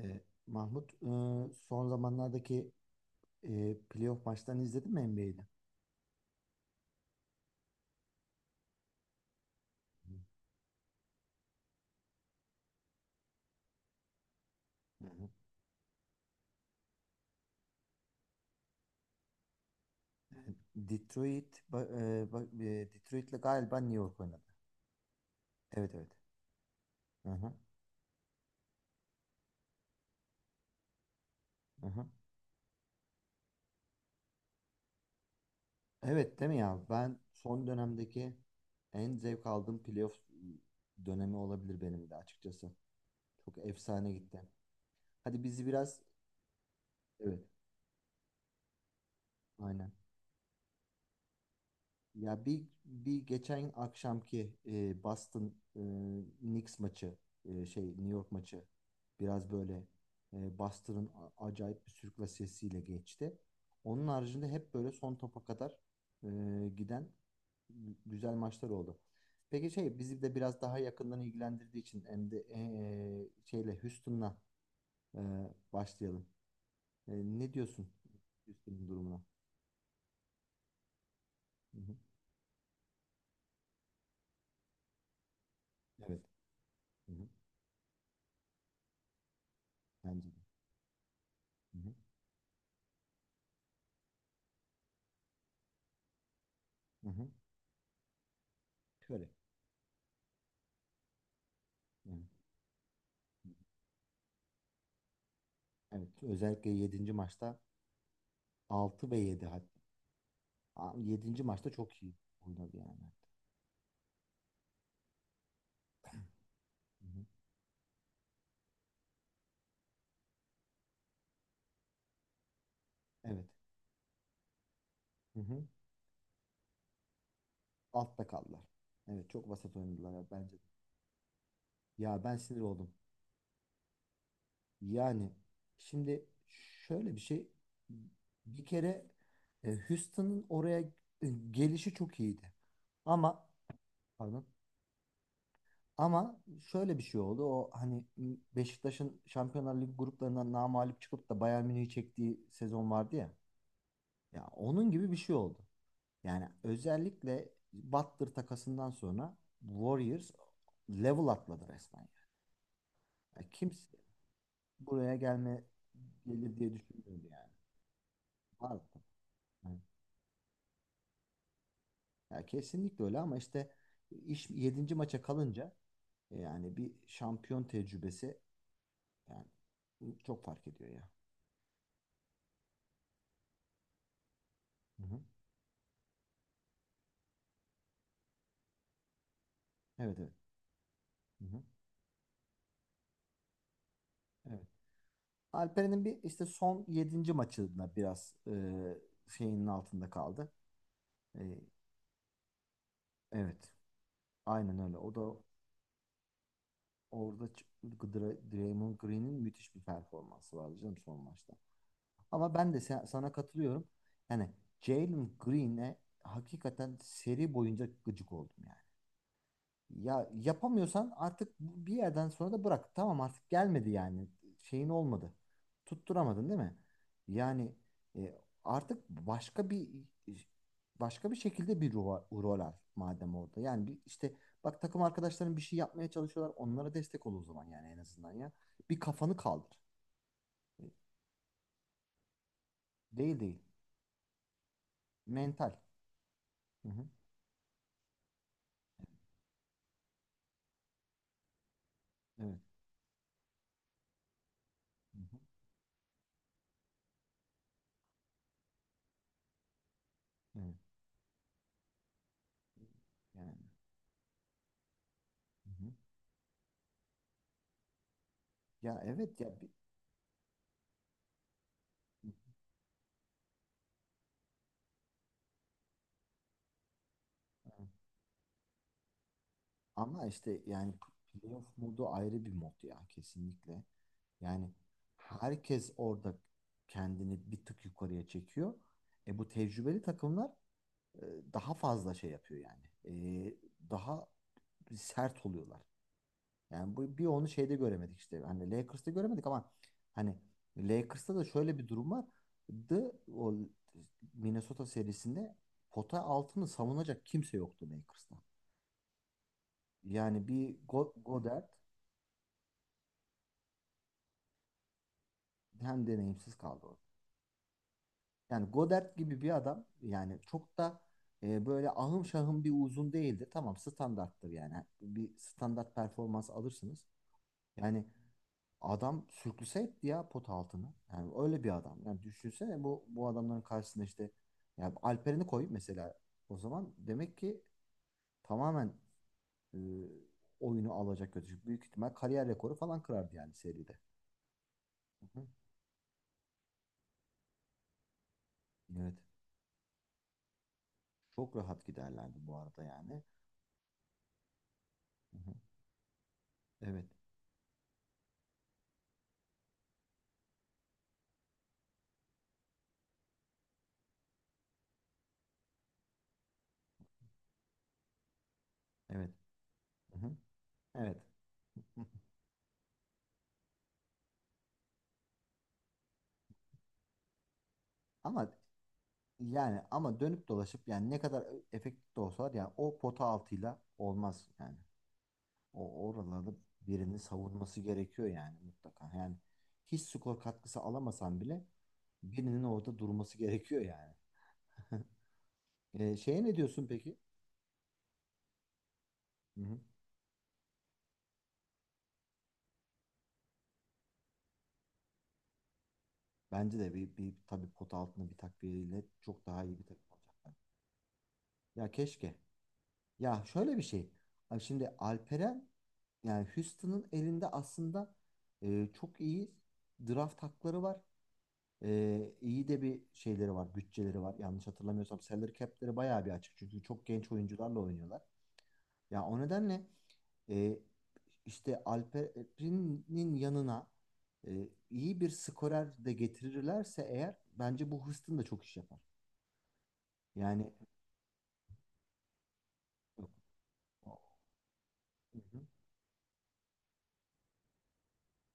Ee, Mahmut, son zamanlardaki playoff maçlarını izledin mi NBA'de? Hı hı. Detroit, Detroit'le galiba New York oynadı. Evet evet. Hı hı, hı hı. Evet değil mi ya? Ben son dönemdeki en zevk aldığım playoff dönemi olabilir benim de açıkçası. Çok efsane gitti. Hadi bizi biraz... Evet, aynen. Ya bir bir geçen akşamki Boston Knicks maçı, New York maçı biraz böyle Boston'ın acayip bir sürüklasesiyle geçti. Onun haricinde hep böyle son topa kadar e, giden güzel maçlar oldu. Peki bizi de biraz daha yakından ilgilendirdiği için, hem de e, E, şeyle Houston'la e, başlayalım. E, Ne diyorsun Houston'ın durumuna? Hı hı. Evet. Hı hı. Bence de. Hı hı. Hı hı. Şöyle. Evet. Evet, özellikle yedinci maçta 6 ve yedi, hatta yedinci maçta çok iyi oynadı yani. Hı hı. Evet. Hı hı. Altta kaldılar. Evet, çok vasat oynadılar ya bence de. Ya ben sinir oldum. Yani şimdi şöyle bir şey, bir kere Houston'ın oraya gelişi çok iyiydi. Ama pardon. Ama şöyle bir şey oldu. O, hani Beşiktaş'ın Şampiyonlar Ligi gruplarından namağlup çıkıp da Bayern Münih'i çektiği sezon vardı ya. Ya onun gibi bir şey oldu. Yani özellikle Butler takasından sonra Warriors level atladı resmen. Yani. Ya kimse buraya gelir diye düşünmüyordu yani. Vardı. Yani, ya kesinlikle öyle ama işte iş yedinci maça kalınca, yani bir şampiyon tecrübesi, yani çok fark ediyor ya. Hı hı. Evet evet. Hı hı. Evet. Alperen'in bir işte son yedinci maçında biraz şeyinin altında kaldı. E, evet. Aynen öyle. O da orada Draymond Green'in müthiş bir performansı vardı canım son maçta. Ama ben de sana katılıyorum. Yani Jalen Green'e hakikaten seri boyunca gıcık oldum yani. Ya yapamıyorsan artık bir yerden sonra da bırak. Tamam, artık gelmedi yani. Şeyin olmadı. Tutturamadın değil mi? Yani artık başka bir şekilde bir rol al madem orada. Yani bir, işte bak, takım arkadaşların bir şey yapmaya çalışıyorlar. Onlara destek ol o zaman, yani en azından ya. Bir kafanı kaldır. E, Değil değil. Mental. Hı hı. Evet. Hı hı. Evet. Yani. Hı hı. Ya evet, ya ama işte yani playoff modu ayrı bir mod ya, kesinlikle. Yani herkes orada kendini bir tık yukarıya çekiyor. Bu tecrübeli takımlar e, daha fazla şey yapıyor yani. E, Daha sert oluyorlar. Yani bu bir onu şeyde göremedik işte. Hani Lakers'ta göremedik ama hani Lakers'ta da şöyle bir durum vardı. O Minnesota serisinde pota altını savunacak kimse yoktu Lakers'ta. Yani bir Godert hem deneyimsiz kaldı orada. Yani Godert gibi bir adam yani çok da böyle ahım şahım bir uzun değildi. Tamam, standarttır yani. Bir standart performans alırsınız. Yani adam sürklüse etti ya pot altını. Yani öyle bir adam. Yani düşünsene bu bu adamların karşısında işte, yani Alperen'i koy mesela, o zaman demek ki tamamen e, oyunu alacak götürecek. Büyük ihtimal kariyer rekoru falan kırardı yani seride. Hı hı. Evet. Çok rahat giderlerdi bu arada yani. Hı hı. Evet. Evet. Hı hı. Evet. Hı. Ama yani, dönüp dolaşıp yani, ne kadar efektif de olsalar yani o pota altıyla olmaz yani. O oralarda birinin savunması gerekiyor yani, mutlaka. Yani hiç skor katkısı alamasan bile birinin orada durması gerekiyor yani. E, şeye Ne diyorsun peki? Hı hı. Bence de, bir, bir tabii pota altında bir takviyeyle çok daha iyi bir takım olacaklar. Ya keşke. Ya şöyle bir şey. Abi şimdi Alperen, yani Houston'ın elinde aslında çok iyi draft hakları var. İyi de bir şeyleri var, bütçeleri var. Yanlış hatırlamıyorsam salary cap'leri bayağı bir açık. Çünkü çok genç oyuncularla oynuyorlar. Ya o nedenle e, işte Alperen'in yanına iyi bir skorer de getirirlerse eğer, bence bu Houston da çok iş yapar. Yani. Hı hı.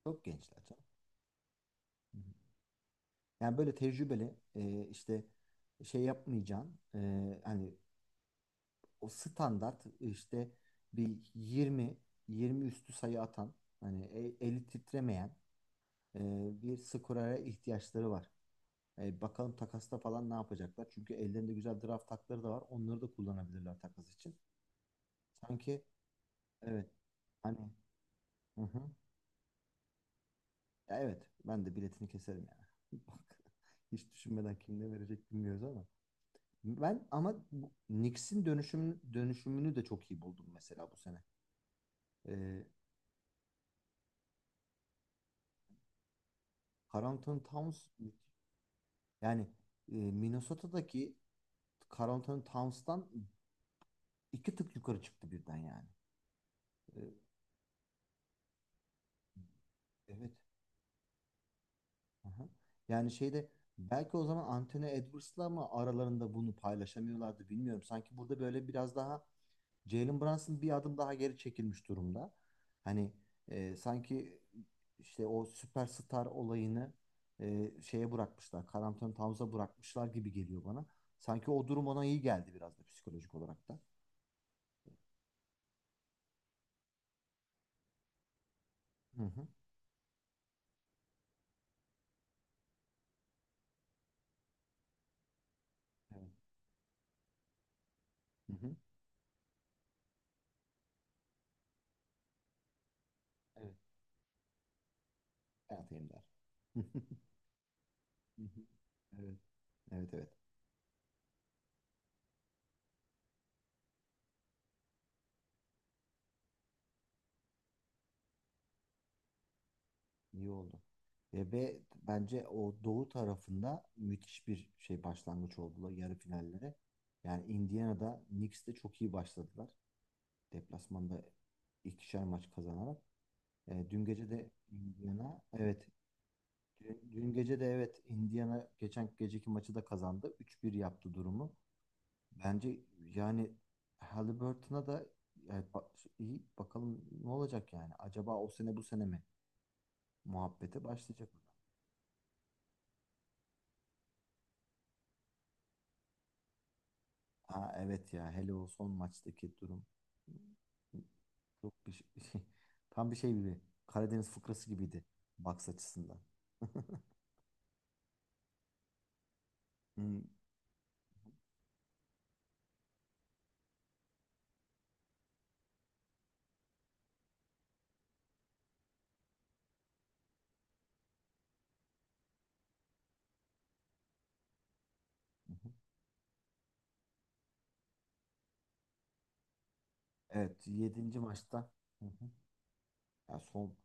Çok gençler canım. Yani böyle tecrübeli, işte şey yapmayacağın, hani o standart, işte bir 20 20 üstü sayı atan, hani eli titremeyen, e, bir skorera ihtiyaçları var. Bakalım takasta falan ne yapacaklar? Çünkü ellerinde güzel draft hakları da var. Onları da kullanabilirler takas için. Sanki, evet, hani, hı hı. Ya evet, ben de biletini keserim yani. Bak, hiç düşünmeden. Kim ne verecek bilmiyoruz ama. Ben ama Knicks'in dönüşümünü de çok iyi buldum mesela bu sene. Ee, Carlton Towns, yani Minnesota'daki Carlton Towns'tan iki tık yukarı çıktı birden yani. Ee, evet. Aha. Yani belki o zaman Anthony Edwards'la mı aralarında bunu paylaşamıyorlardı, bilmiyorum. Sanki burada böyle biraz daha Jalen Brunson bir adım daha geri çekilmiş durumda. Hani sanki işte o süperstar olayını e, şeye bırakmışlar. Karl Anthony Towns'a bırakmışlar gibi geliyor bana. Sanki o durum ona iyi geldi biraz da, psikolojik olarak da. Hı hı. Evet. Hı hı. Evet. Hayat Ender. Hı hı. Evet. Evet evet. İyi oldu. Ve bence o doğu tarafında müthiş bir başlangıç oldular yarı finallere. Yani Indiana'da, Knicks'te çok iyi başladılar. Deplasmanda ikişer maç kazanarak. E, dün gece de Indiana evet dün gece de, evet, Indiana geçen geceki maçı da kazandı. 3-1 yaptı durumu. Bence, yani Halliburton'a da, yani iyi, bakalım ne olacak yani. Acaba o sene, bu sene mi muhabbete başlayacak mı? Ha evet ya, hele o son maçtaki durum çok bir şey, tam bir şey gibi, Karadeniz fıkrası gibiydi Bucks açısından. Hmm. Evet, yedinci maçta. Hı hı. Ya son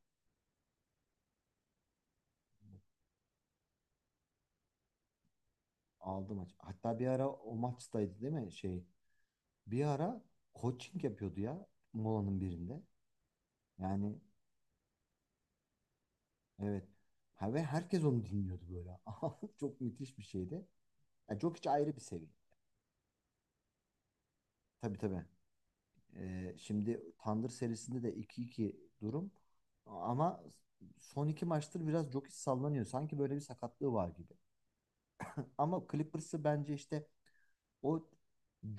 aldı maç. Hatta bir ara o maçtaydı değil mi? Bir ara coaching yapıyordu ya, molanın birinde. Yani evet. Ha, ve herkes onu dinliyordu böyle. Çok müthiş bir şeydi. Ya çok, hiç ayrı bir seviye. Tabii tabii. Şimdi Tandır serisinde de 2-2 durum. Ama son iki maçtır biraz Jokic sallanıyor. Sanki böyle bir sakatlığı var gibi. Ama Clippers'ı bence işte, o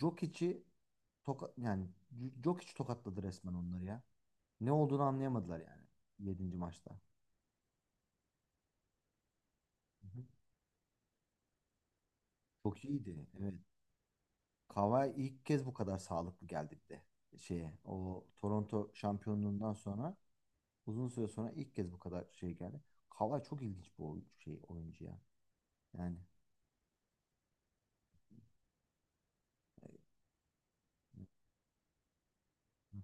Jokic'i Jokic tokatladı resmen onları ya. Ne olduğunu anlayamadılar yani yedinci maçta. Hı hı. Çok iyiydi. Evet. Kawhi ilk kez bu kadar sağlıklı geldi bir de. O Toronto şampiyonluğundan sonra, uzun süre sonra ilk kez bu kadar geldi. Kawhi çok ilginç bir oyuncu ya. Yani. Hı hı.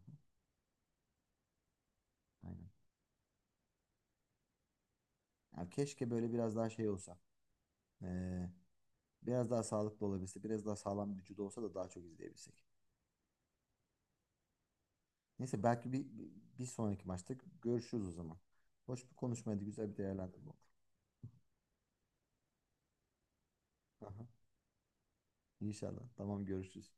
Aynen. Ya keşke böyle biraz daha olsa. Ee, Biraz daha sağlıklı olabilse, biraz daha sağlam bir vücudu olsa da daha çok izleyebilsek. Neyse, belki bir, bir sonraki maçta görüşürüz o zaman. Hoş bir konuşmaydı. Güzel bir değerlendirme oldu. Aha, İnşallah. Tamam, görüşürüz.